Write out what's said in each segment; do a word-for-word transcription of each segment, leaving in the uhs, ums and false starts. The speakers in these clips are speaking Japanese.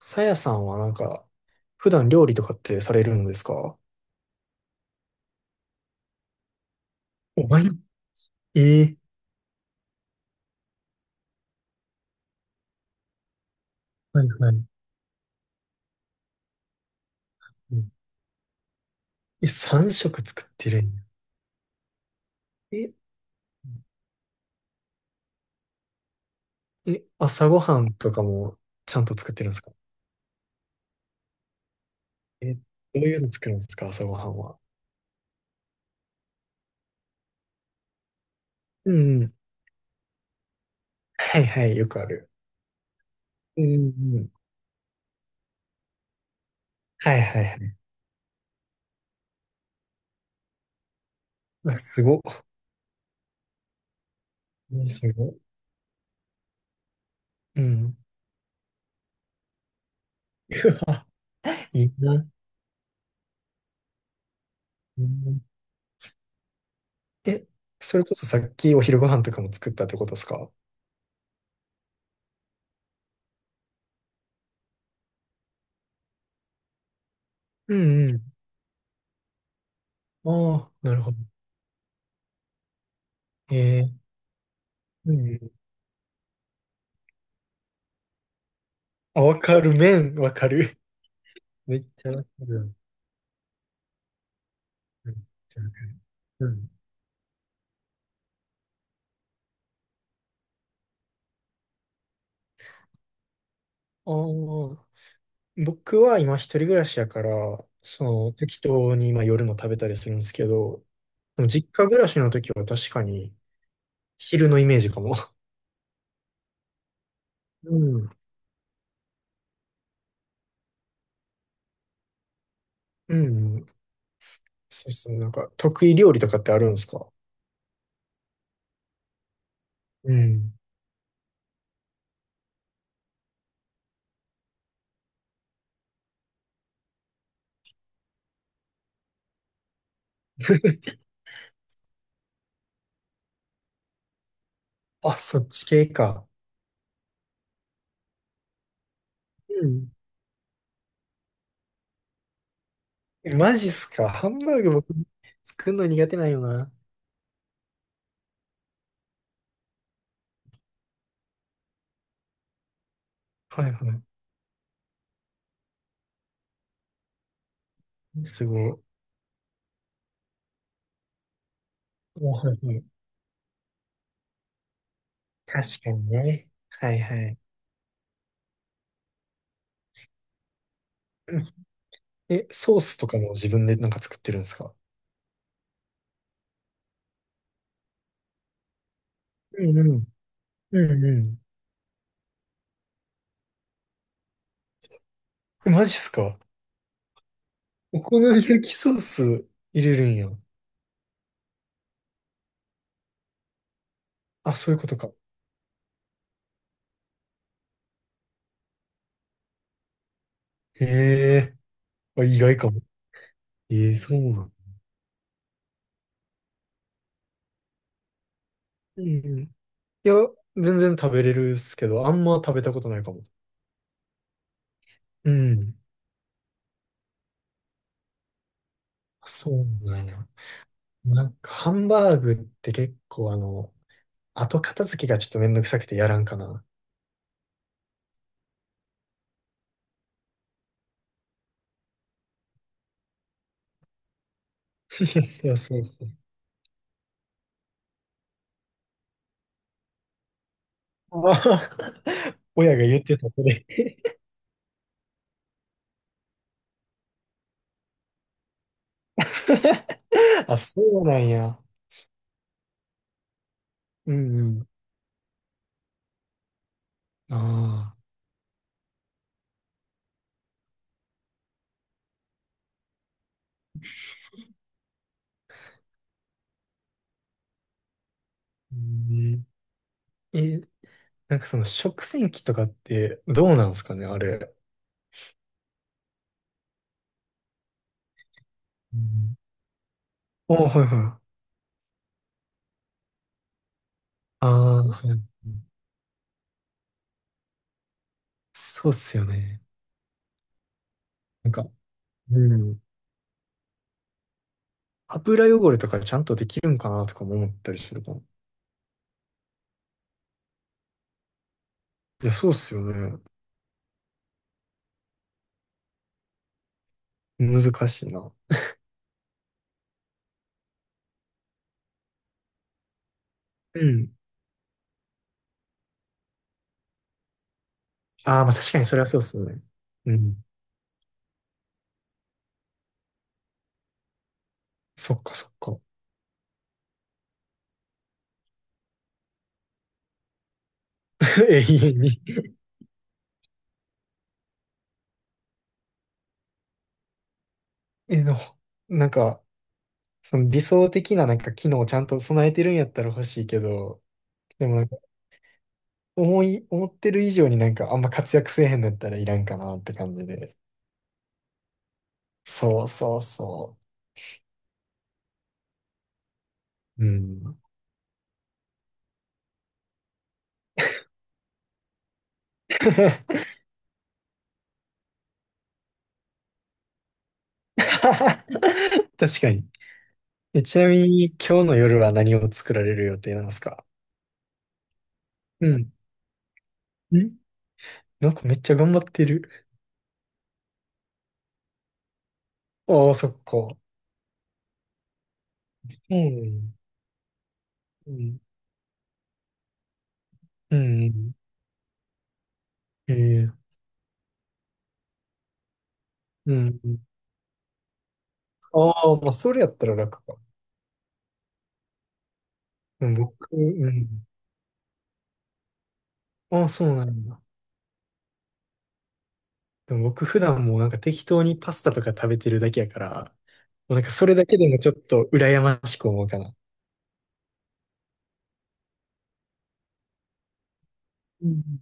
さやさんはなんか、普段料理とかってされるのですか？お前、ええ、はいはい。うん、え、さん食作ってるんや。え、え、朝ごはんとかもちゃんと作ってるんですか？え、どういうの作るんですか朝ごはんは？うんうん。はいはい、よくある。うんうんうん。はいはいはい。うわすごっ。ねすごっ。うん。うわ、いいな。うん、え、それこそさっきお昼ご飯とかも作ったってことですか？うんうん。ああ、なるほど。え、うん。あ、わかる、麺、わかる。めっちゃわかる。めっちゃわかる。うん。ああ、僕は今一人暮らしやから、その適当に今夜も食べたりするんですけど、でも実家暮らしの時は確かに昼のイメージかも。うん。うん。そうそう。なんか得意料理とかってあるんですか？うん。あ、そっち系か。うん。えマジっすか。ハンバーグ僕作るの苦手なんよな。はいはい。すごい。あ、はいはい。確かにね。はいはい。うん、え、ソースとかも自分でなんか作ってるんですか？うんうん。うんうん。マジっすか。お好み焼きソース入れるんや。あ、そういうことか。へえ。あ、意外かも。ええ、そうなん。うんうん。いや、全然食べれるっすけど、あんま食べたことないかも。うん。そうなんや。なんか、ハンバーグって結構あの、後片付けがちょっとめんどくさくてやらんかな。いやそうそう、まあ、親が言ってた、それ。あ、そうなんや。うんうん。ああ。うん、ねえ、なんかその食洗機とかってどうなんですかね、あれ。うん。あ、はいはい。ああ、はい。そうっすよね。なんか、うん。油汚れとかちゃんとできるんかなとかも思ったりするかも。いや、そうっすよね。難しいな。うん。ああ、まあ確かにそれはそうっすね。うん。そっかそっか。永遠に、え、でも、なんか、その理想的ななんか機能をちゃんと備えてるんやったら欲しいけど、でもなんか思い、思ってる以上になんかあんま活躍せえへんのやったらいらんかなって感じで。そうそうそう。うん。確かに。え、ちなみに今日の夜は何を作られる予定なんですか？うん。んなんかめっちゃ頑張ってる。ああ、そっか。うん。うん。うん。え、え、うん。ああ、まあ、それやったら楽か。うん僕、うん。ああ、そうなんだ。でも僕普段もうなんか適当にパスタとか食べてるだけやから、もうなんかそれだけでもちょっと羨ましく思うかな。うん。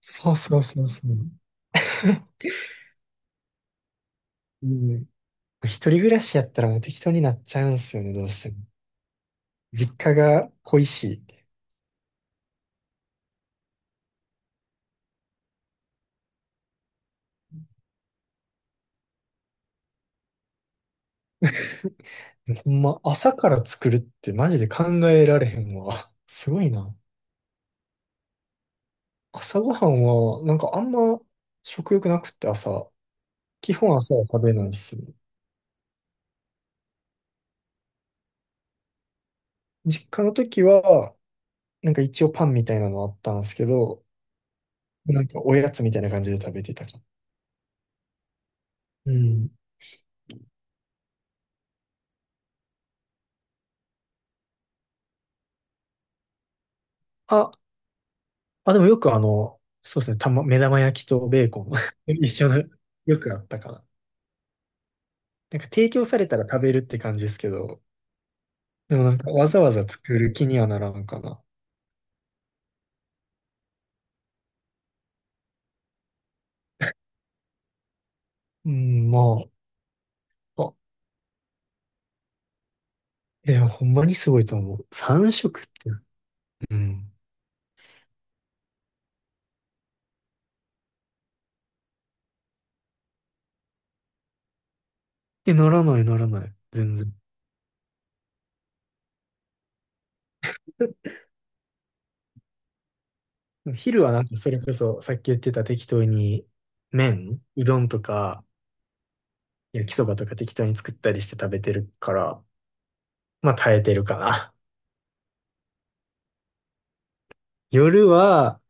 そうそうそうそう。うん。一人暮らしやったらもう適当になっちゃうんすよね、どうしても。実家が恋しい。ほんま、朝から作るってマジで考えられへんわ。すごいな。朝ごはんは、なんかあんま食欲なくって朝。基本朝は食べないっすよね。実家の時は、なんか一応パンみたいなのあったんですけど、なんかおやつみたいな感じで食べてたか。うん。あ、あ、でもよくあの、そうですね、たま、目玉焼きとベーコン 一緒の、よくあったかな。なんか提供されたら食べるって感じですけど、でもなんかわざわざ作る気にはならんかな。うん、まあ、あ、いや、ほんまにすごいと思う。さん食って。うん。え、ならないならない。全然。昼はなんかそれこそ、さっき言ってた適当に、麺、うどんとか、焼きそばとか適当に作ったりして食べてるから、まあ耐えてるかな。夜は、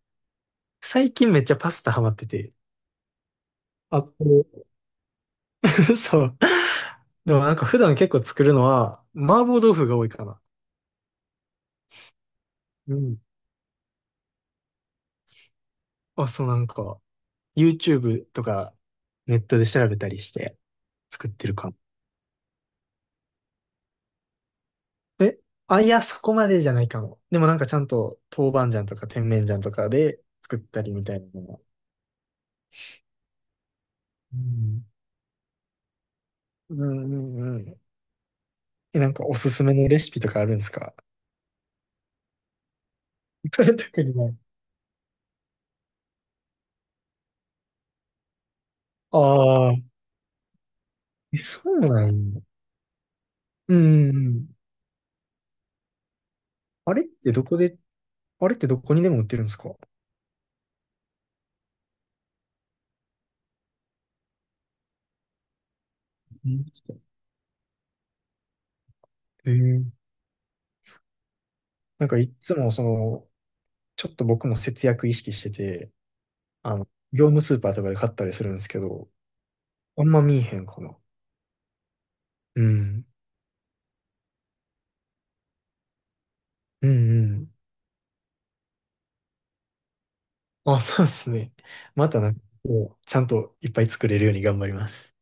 最近めっちゃパスタハマってて。あ、こう そう。でもなんか普段結構作るのは、麻婆豆腐が多いかな。うん。あ、そうなんか、ユーチューブ とかネットで調べたりして作ってるかも。え、あ、いや、そこまでじゃないかも。でもなんかちゃんと豆板醤とか甜麺醤とかで作ったりみたいなのが。うん。うんうんうん。え、なんかおすすめのレシピとかあるんですか？ 特にない。ああ、え、そうなん、うんうん。あれってどこで、あれってどこにでも売ってるんですか？うん、えー、なんかいっつもその、ちょっと僕も節約意識してて、あの、業務スーパーとかで買ったりするんですけど、あんま見えへんかな。うん。うんうん。あ、そうですね。またなんか、こうちゃんといっぱい作れるように頑張ります。